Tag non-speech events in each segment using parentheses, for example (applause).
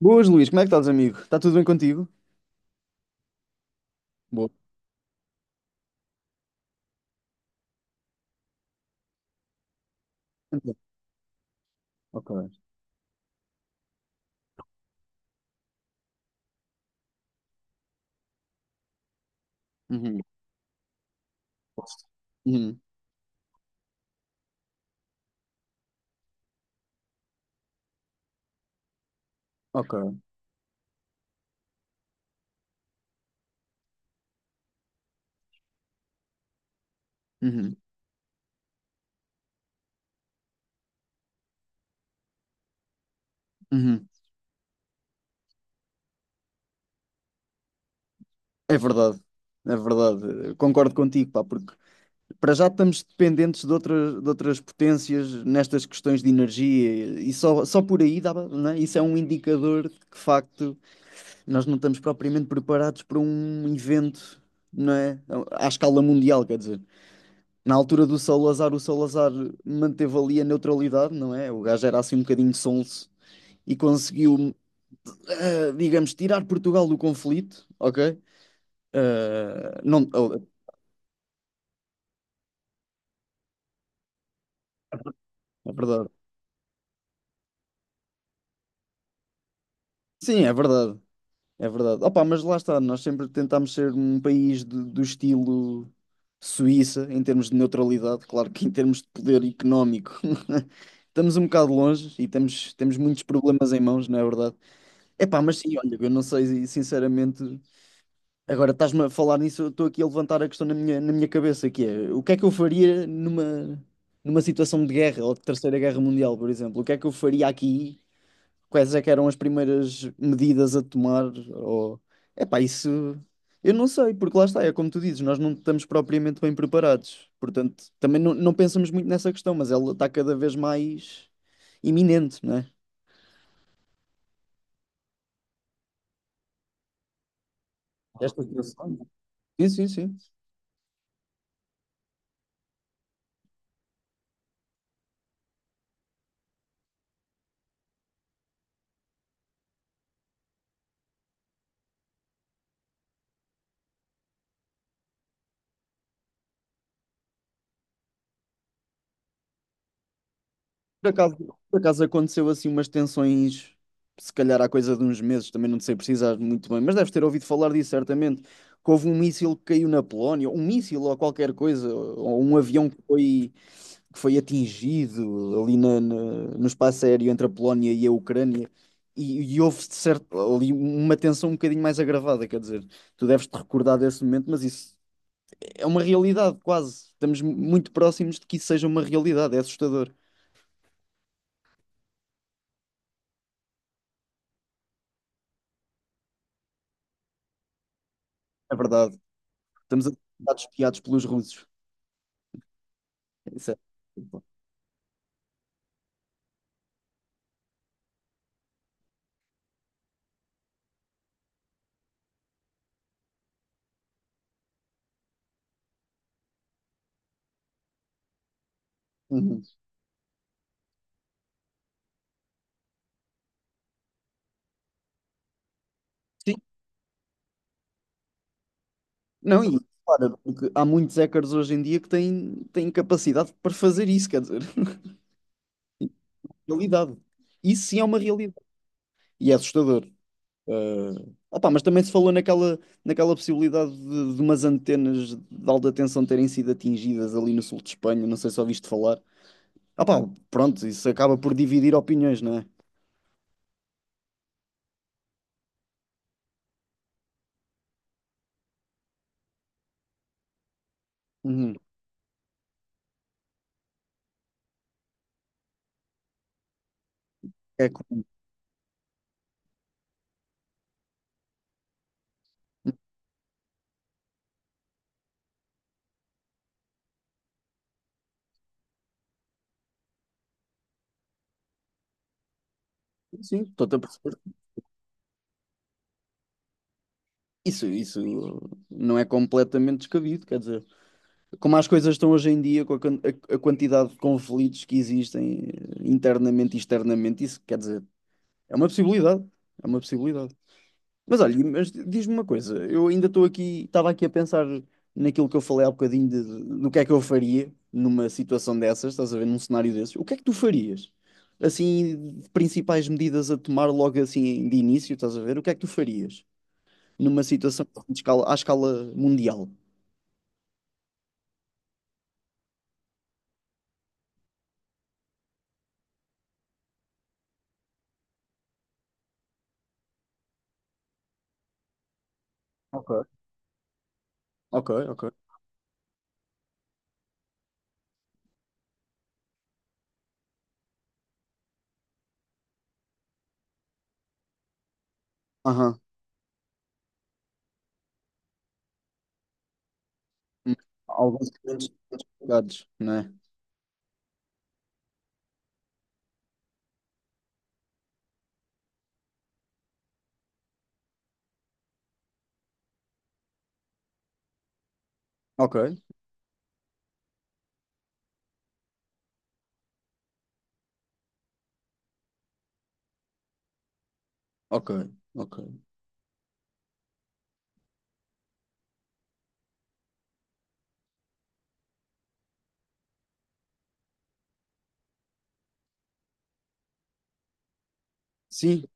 Boas, Luís, como é que estás, amigo? Está tudo bem contigo? Boa. Então, Ok. Uhum. Uhum. Ok. Uhum. Uhum. É verdade, é verdade. Eu concordo contigo, pá, porque para já estamos dependentes de outras potências nestas questões de energia e só por aí dá, não é? Isso é um indicador de que, de facto, nós não estamos propriamente preparados para um evento, não é? À escala mundial, quer dizer. Na altura do Salazar, o Salazar manteve ali a neutralidade, não é? O gajo era assim um bocadinho sonso e conseguiu, digamos, tirar Portugal do conflito, ok? Não, oh, é verdade. Sim, é verdade. É verdade. Opa, mas lá está, nós sempre tentámos ser um país do estilo Suíça, em termos de neutralidade, claro que em termos de poder económico. (laughs) Estamos um bocado longe e temos muitos problemas em mãos, não é verdade? Epá, mas sim, olha, eu não sei sinceramente. Agora estás-me a falar nisso, eu estou aqui a levantar a questão na minha cabeça, que é o que é que eu faria numa situação de guerra ou de Terceira Guerra Mundial, por exemplo? O que é que eu faria aqui? Quais é que eram as primeiras medidas a tomar? Ou... Epá, isso eu não sei, porque lá está, é como tu dizes, nós não estamos propriamente bem preparados. Portanto, também não pensamos muito nessa questão, mas ela está cada vez mais iminente, não é? Esta situação. Sim, sim, sim. Por acaso, por acaso aconteceu assim umas tensões, se calhar há coisa de uns meses, também não te sei precisar muito bem, mas deves ter ouvido falar disso certamente, que houve um míssil que caiu na Polónia, um míssil ou qualquer coisa, ou um avião que foi atingido ali no espaço aéreo entre a Polónia e a Ucrânia, e houve de certo, ali uma tensão um bocadinho mais agravada, quer dizer, tu deves te recordar desse momento, mas isso é uma realidade quase, estamos muito próximos de que isso seja uma realidade, é assustador. É verdade. Estamos a ser espiados pelos russos. Isso culpa. Uhum. Sim. Não, e claro, porque há muitos hackers hoje em dia que têm capacidade para fazer isso, quer dizer, (laughs) realidade. Isso sim é uma realidade. E é assustador. Eh, opá, mas também se falou naquela possibilidade de umas antenas de alta tensão terem sido atingidas ali no sul de Espanha, não sei se ouviste falar. Opá, pronto, isso acaba por dividir opiniões, não é? Uhum. É comum. Sim, estou-te a perceber. Isso não é completamente descabido, quer dizer, como as coisas estão hoje em dia, com a quantidade de conflitos que existem internamente e externamente, isso quer dizer, é uma possibilidade, é uma possibilidade. Mas olha, mas diz-me uma coisa, eu ainda estou aqui, estava aqui a pensar naquilo que eu falei há bocadinho do que é que eu faria numa situação dessas, estás a ver, num cenário desses, o que é que tu farias? Assim, principais medidas a tomar logo assim de início, estás a ver, o que é que tu farias, numa situação de escala, à escala mundial? Ok, ok, ok. Aham. Hum. Alguns clientes complicados, não é? Ok, ok, ok. Sim,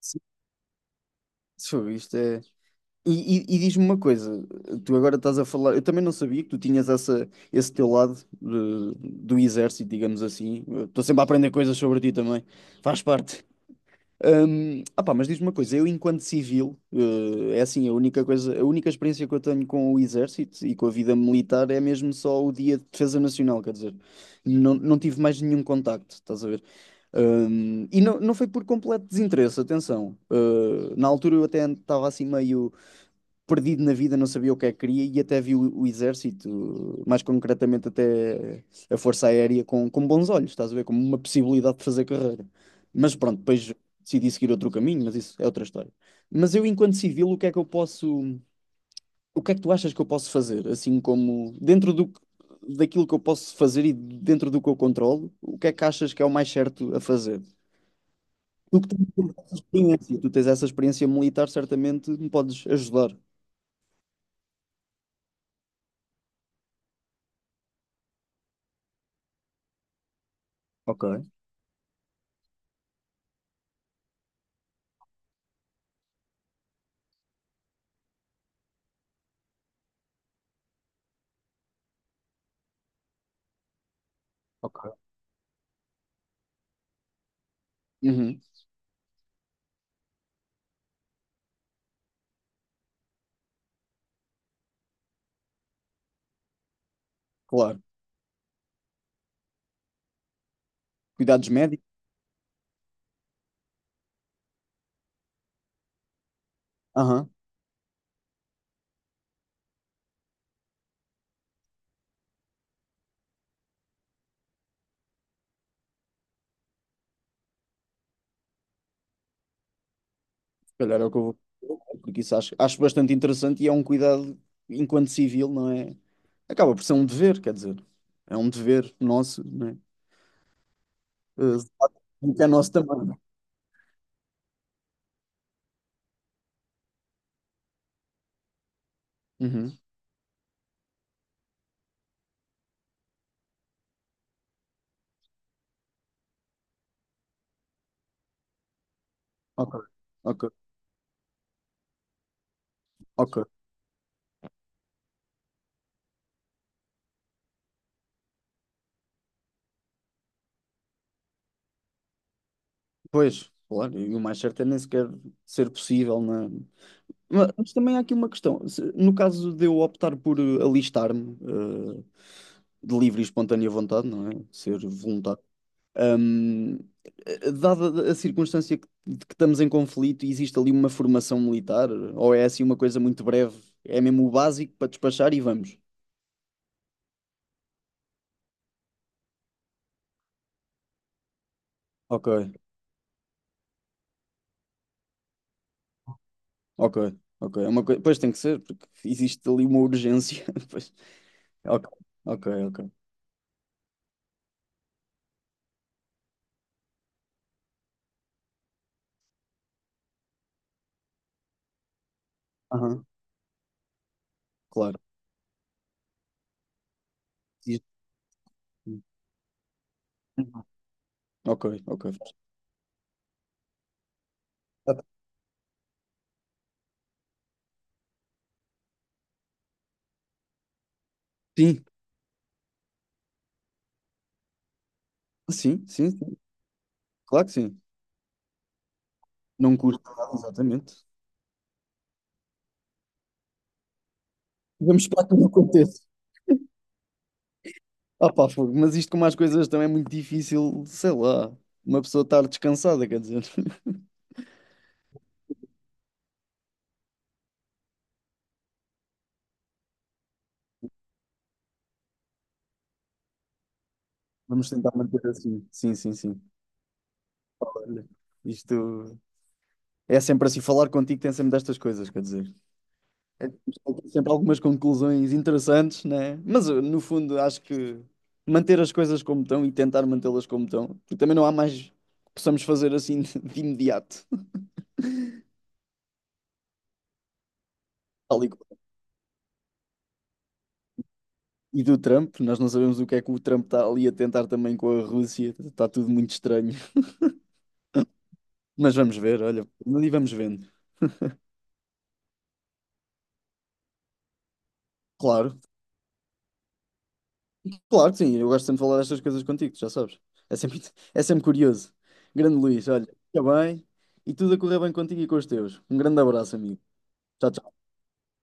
sim. Isso, isto é. E diz-me uma coisa, tu agora estás a falar, eu também não sabia que tu tinhas esse teu lado de- do exército, digamos assim. Eu estou sempre a aprender coisas sobre ti também, faz parte. Ah pá, mas diz-me uma coisa, eu enquanto civil, é assim, a única coisa, a única experiência que eu tenho com o exército e com a vida militar é mesmo só o dia de defesa nacional, quer dizer, não tive mais nenhum contacto, estás a ver? E não foi por completo desinteresse, atenção. Na altura eu até estava assim meio, perdido na vida, não sabia o que é que queria e até viu o exército, mais concretamente até a Força Aérea, com bons olhos, estás a ver? Como uma possibilidade de fazer carreira. Mas pronto, depois decidi seguir outro caminho, mas isso é outra história. Mas eu, enquanto civil, o que é que eu posso. O que é que tu achas que eu posso fazer? Assim como dentro daquilo que eu posso fazer e dentro do que eu controlo, o que é que achas que é o mais certo a fazer? Tu que tens essa experiência, tu tens essa experiência militar, certamente me podes ajudar. Ok, ok. Uhum. Claro. Cuidados médicos? Aham. Se calhar é o que eu vou. Porque isso acho bastante interessante e é um cuidado, enquanto civil, não é? Acaba por ser um dever, quer dizer. É um dever nosso, não é? Que é nosso também. Uhum. Ok. Ok. Ok. Pois, claro. E o mais certo é nem sequer ser possível, não é? Mas também há aqui uma questão. No caso de eu optar por alistar-me, de livre e espontânea vontade, não é? Ser voluntário. Hum, dada a circunstância de que estamos em conflito, existe ali uma formação militar? Ou é assim uma coisa muito breve? É mesmo o básico para despachar e vamos. Ok, ok, ok. É uma coisa, pois tem que ser, porque existe ali uma urgência. (laughs) Pois. Ok, ok, ok. Aham, claro. Existe- Ok, ok. Sim, sim, sim, sim. Claro que sim. Não custa nada, exatamente. Vamos esperar que não aconteça. Ah pá, fogo, mas isto com mais coisas também é muito difícil, sei lá, uma pessoa estar descansada, quer dizer. (laughs) Vamos tentar manter assim. Sim, sim, sim. Olha, isto é sempre assim, falar contigo tem sempre destas coisas, quer dizer. É, temos sempre algumas conclusões interessantes, né? Mas no fundo acho que manter as coisas como estão e tentar mantê-las como estão, porque também não há mais que possamos fazer assim (laughs) de imediato. Tal e qual. E do Trump, nós não sabemos o que é que o Trump está ali a tentar também com a Rússia, está tudo muito estranho. Mas vamos ver, olha, e vamos vendo. Claro, claro que sim, eu gosto sempre de falar destas coisas contigo, tu já sabes. É sempre, é sempre curioso. Grande Luís, olha, fica bem e tudo a correr bem contigo e com os teus. Um grande abraço, amigo. Tchau, tchau.